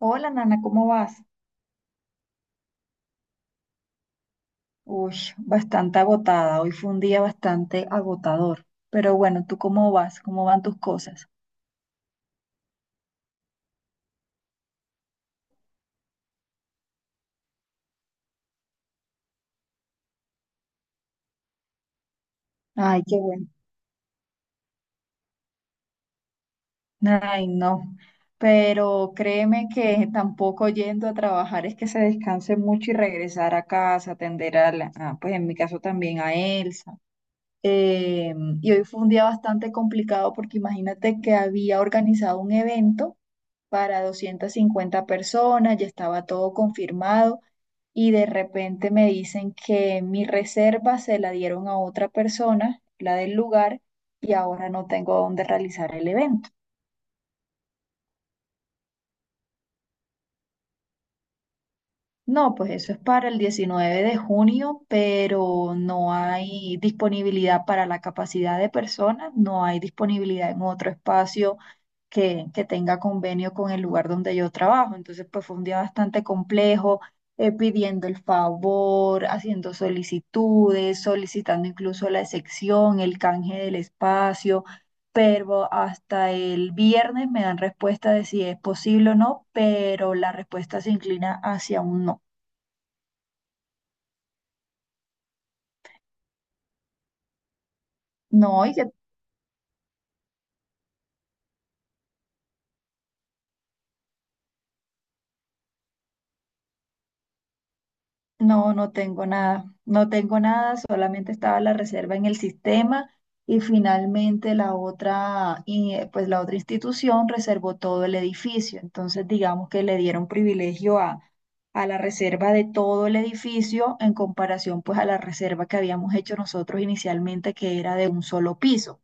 Hola, Nana, ¿cómo vas? Uy, bastante agotada. Hoy fue un día bastante agotador. Pero bueno, ¿tú cómo vas? ¿Cómo van tus cosas? Ay, qué bueno. Ay, no. Pero créeme que tampoco yendo a trabajar es que se descanse mucho y regresar a casa, atender pues en mi caso también a Elsa. Eh, y hoy fue un día bastante complicado porque imagínate que había organizado un evento para 250 personas, ya estaba todo confirmado y de repente me dicen que mi reserva se la dieron a otra persona, la del lugar, y ahora no tengo dónde realizar el evento. No, pues eso es para el 19 de junio, pero no hay disponibilidad para la capacidad de personas, no hay disponibilidad en otro espacio que tenga convenio con el lugar donde yo trabajo. Entonces, pues fue un día bastante complejo, pidiendo el favor, haciendo solicitudes, solicitando incluso la excepción, el canje del espacio, pero hasta el viernes me dan respuesta de si es posible o no, pero la respuesta se inclina hacia un no. No, no, no tengo nada, no tengo nada, solamente estaba la reserva en el sistema y finalmente pues la otra institución reservó todo el edificio. Entonces, digamos que le dieron privilegio a la reserva de todo el edificio en comparación pues a la reserva que habíamos hecho nosotros inicialmente, que era de un solo piso.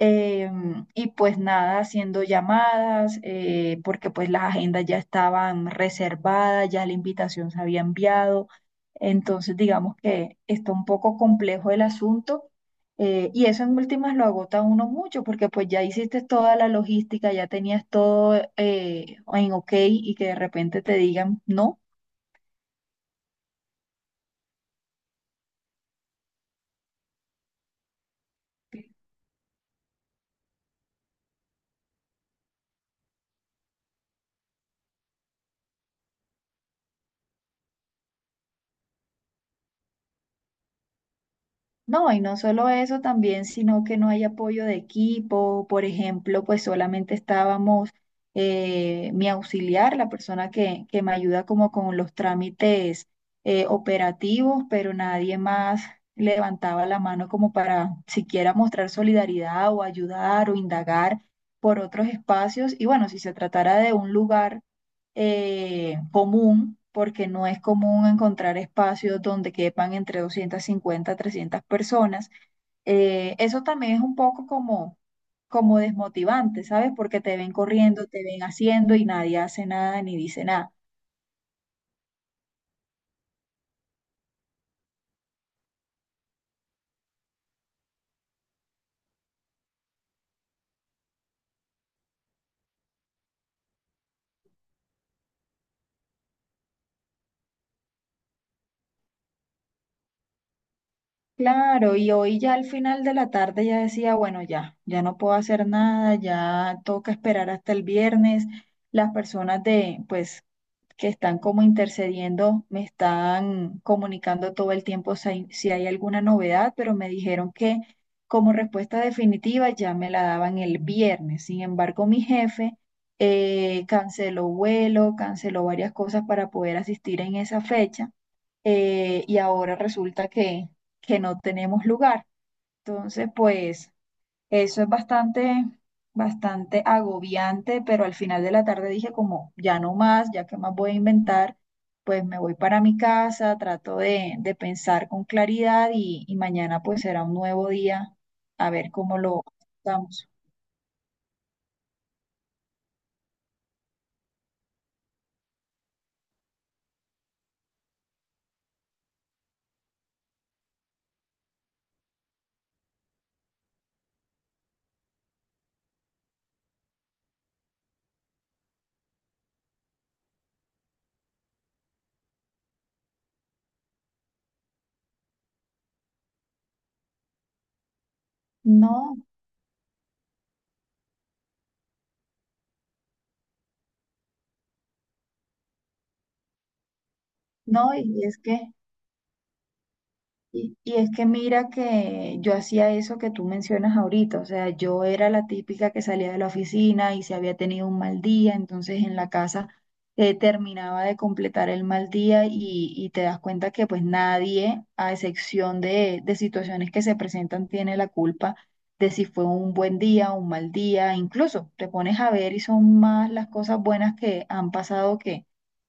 Eh, y pues nada, haciendo llamadas, porque pues las agendas ya estaban reservadas, ya la invitación se había enviado. Entonces, digamos que está un poco complejo el asunto. Y eso en últimas lo agota a uno mucho, porque pues ya hiciste toda la logística, ya tenías todo en ok y que de repente te digan no. No, y no solo eso también, sino que no hay apoyo de equipo. Por ejemplo, pues solamente estábamos mi auxiliar, la persona que me ayuda como con los trámites operativos, pero nadie más levantaba la mano como para siquiera mostrar solidaridad o ayudar o indagar por otros espacios. Y bueno, si se tratara de un lugar común, porque no es común encontrar espacios donde quepan entre 250 a 300 personas. Eso también es un poco como desmotivante, ¿sabes? Porque te ven corriendo, te ven haciendo y nadie hace nada ni dice nada. Claro, y hoy ya al final de la tarde ya decía, bueno, ya, ya no puedo hacer nada, ya toca esperar hasta el viernes. Las personas que están como intercediendo, me están comunicando todo el tiempo si hay alguna novedad, pero me dijeron que como respuesta definitiva ya me la daban el viernes. Sin embargo, mi jefe canceló vuelo, canceló varias cosas para poder asistir en esa fecha y ahora resulta que, no tenemos lugar. Entonces, pues... Eso es bastante, bastante agobiante, pero al final de la tarde dije como, ya no más, ya que más voy a inventar, pues me voy para mi casa, trato de pensar con claridad y mañana pues será un nuevo día, a ver cómo lo estamos. No, no, y es que mira que yo hacía eso que tú mencionas ahorita, o sea, yo era la típica que salía de la oficina y si había tenido un mal día, entonces en la casa terminaba de completar el mal día y te das cuenta que pues nadie, a excepción de situaciones que se presentan, tiene la culpa de si fue un buen día o un mal día, incluso te pones a ver y son más las cosas buenas que han pasado que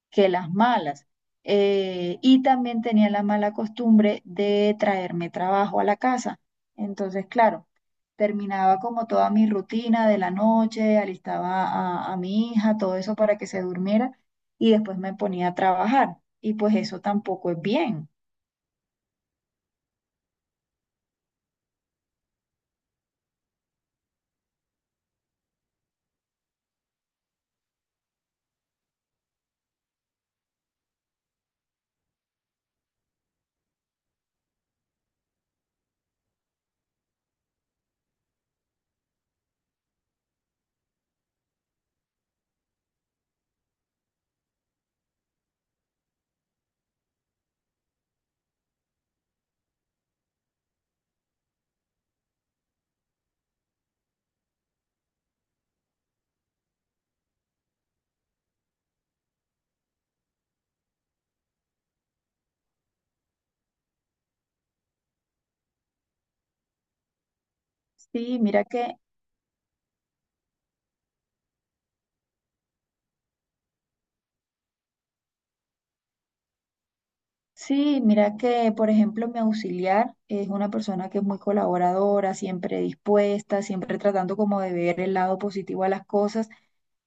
que las malas. Y también tenía la mala costumbre de traerme trabajo a la casa. Entonces, claro, terminaba como toda mi rutina de la noche, alistaba a mi hija, todo eso para que se durmiera y después me ponía a trabajar. Y pues eso tampoco es bien. Sí, mira que, sí, mira que, por ejemplo, mi auxiliar es una persona que es muy colaboradora, siempre dispuesta, siempre tratando como de ver el lado positivo a las cosas.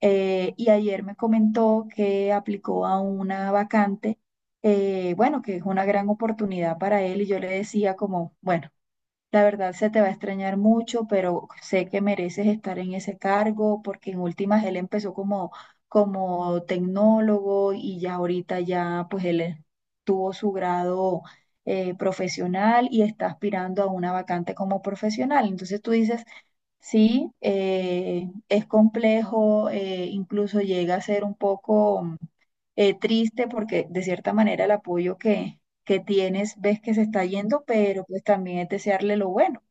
Y ayer me comentó que aplicó a una vacante, bueno, que es una gran oportunidad para él y yo le decía como, bueno, la verdad se te va a extrañar mucho, pero sé que mereces estar en ese cargo porque en últimas él empezó como, como tecnólogo y ya ahorita ya pues él tuvo su grado profesional y está aspirando a una vacante como profesional. Entonces tú dices, sí, es complejo, incluso llega a ser un poco triste porque de cierta manera el apoyo que tienes ves que se está yendo, pero pues también es desearle lo bueno.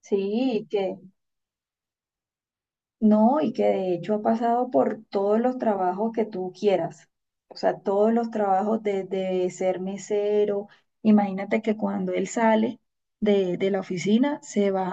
Sí. No, y que de hecho ha pasado por todos los trabajos que tú quieras. O sea, todos los trabajos desde ser mesero. Imagínate que cuando él sale de la oficina, se va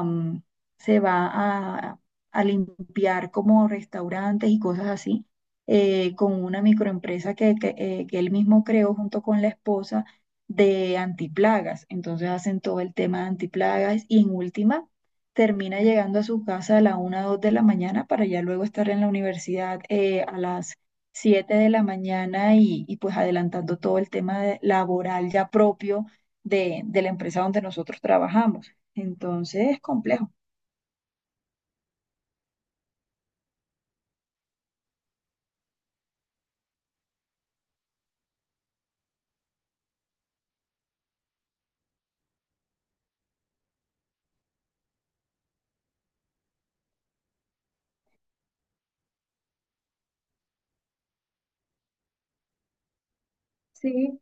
a, mm, se va a, limpiar como restaurantes y cosas así, con una microempresa que él mismo creó junto con la esposa de antiplagas. Entonces hacen todo el tema de antiplagas y en última termina llegando a su casa a la una o 2 de la mañana para ya luego estar en la universidad a las 7 de la mañana y pues adelantando todo el tema laboral ya propio de la empresa donde nosotros trabajamos. Entonces es complejo. Sí,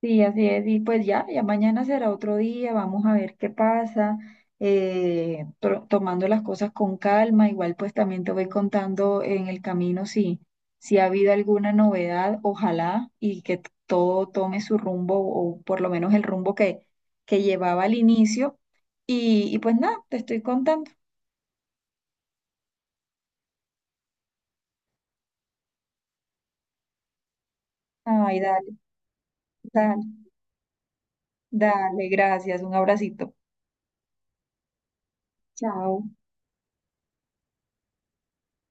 sí, así es. Y pues ya, ya mañana será otro día, vamos a ver qué pasa, tomando las cosas con calma. Igual pues también te voy contando en el camino si ha habido alguna novedad, ojalá, y que todo tome su rumbo o por lo menos el rumbo que llevaba al inicio. Y, pues nada, te estoy contando. Ay, dale, dale, dale, gracias, un abracito. Chao.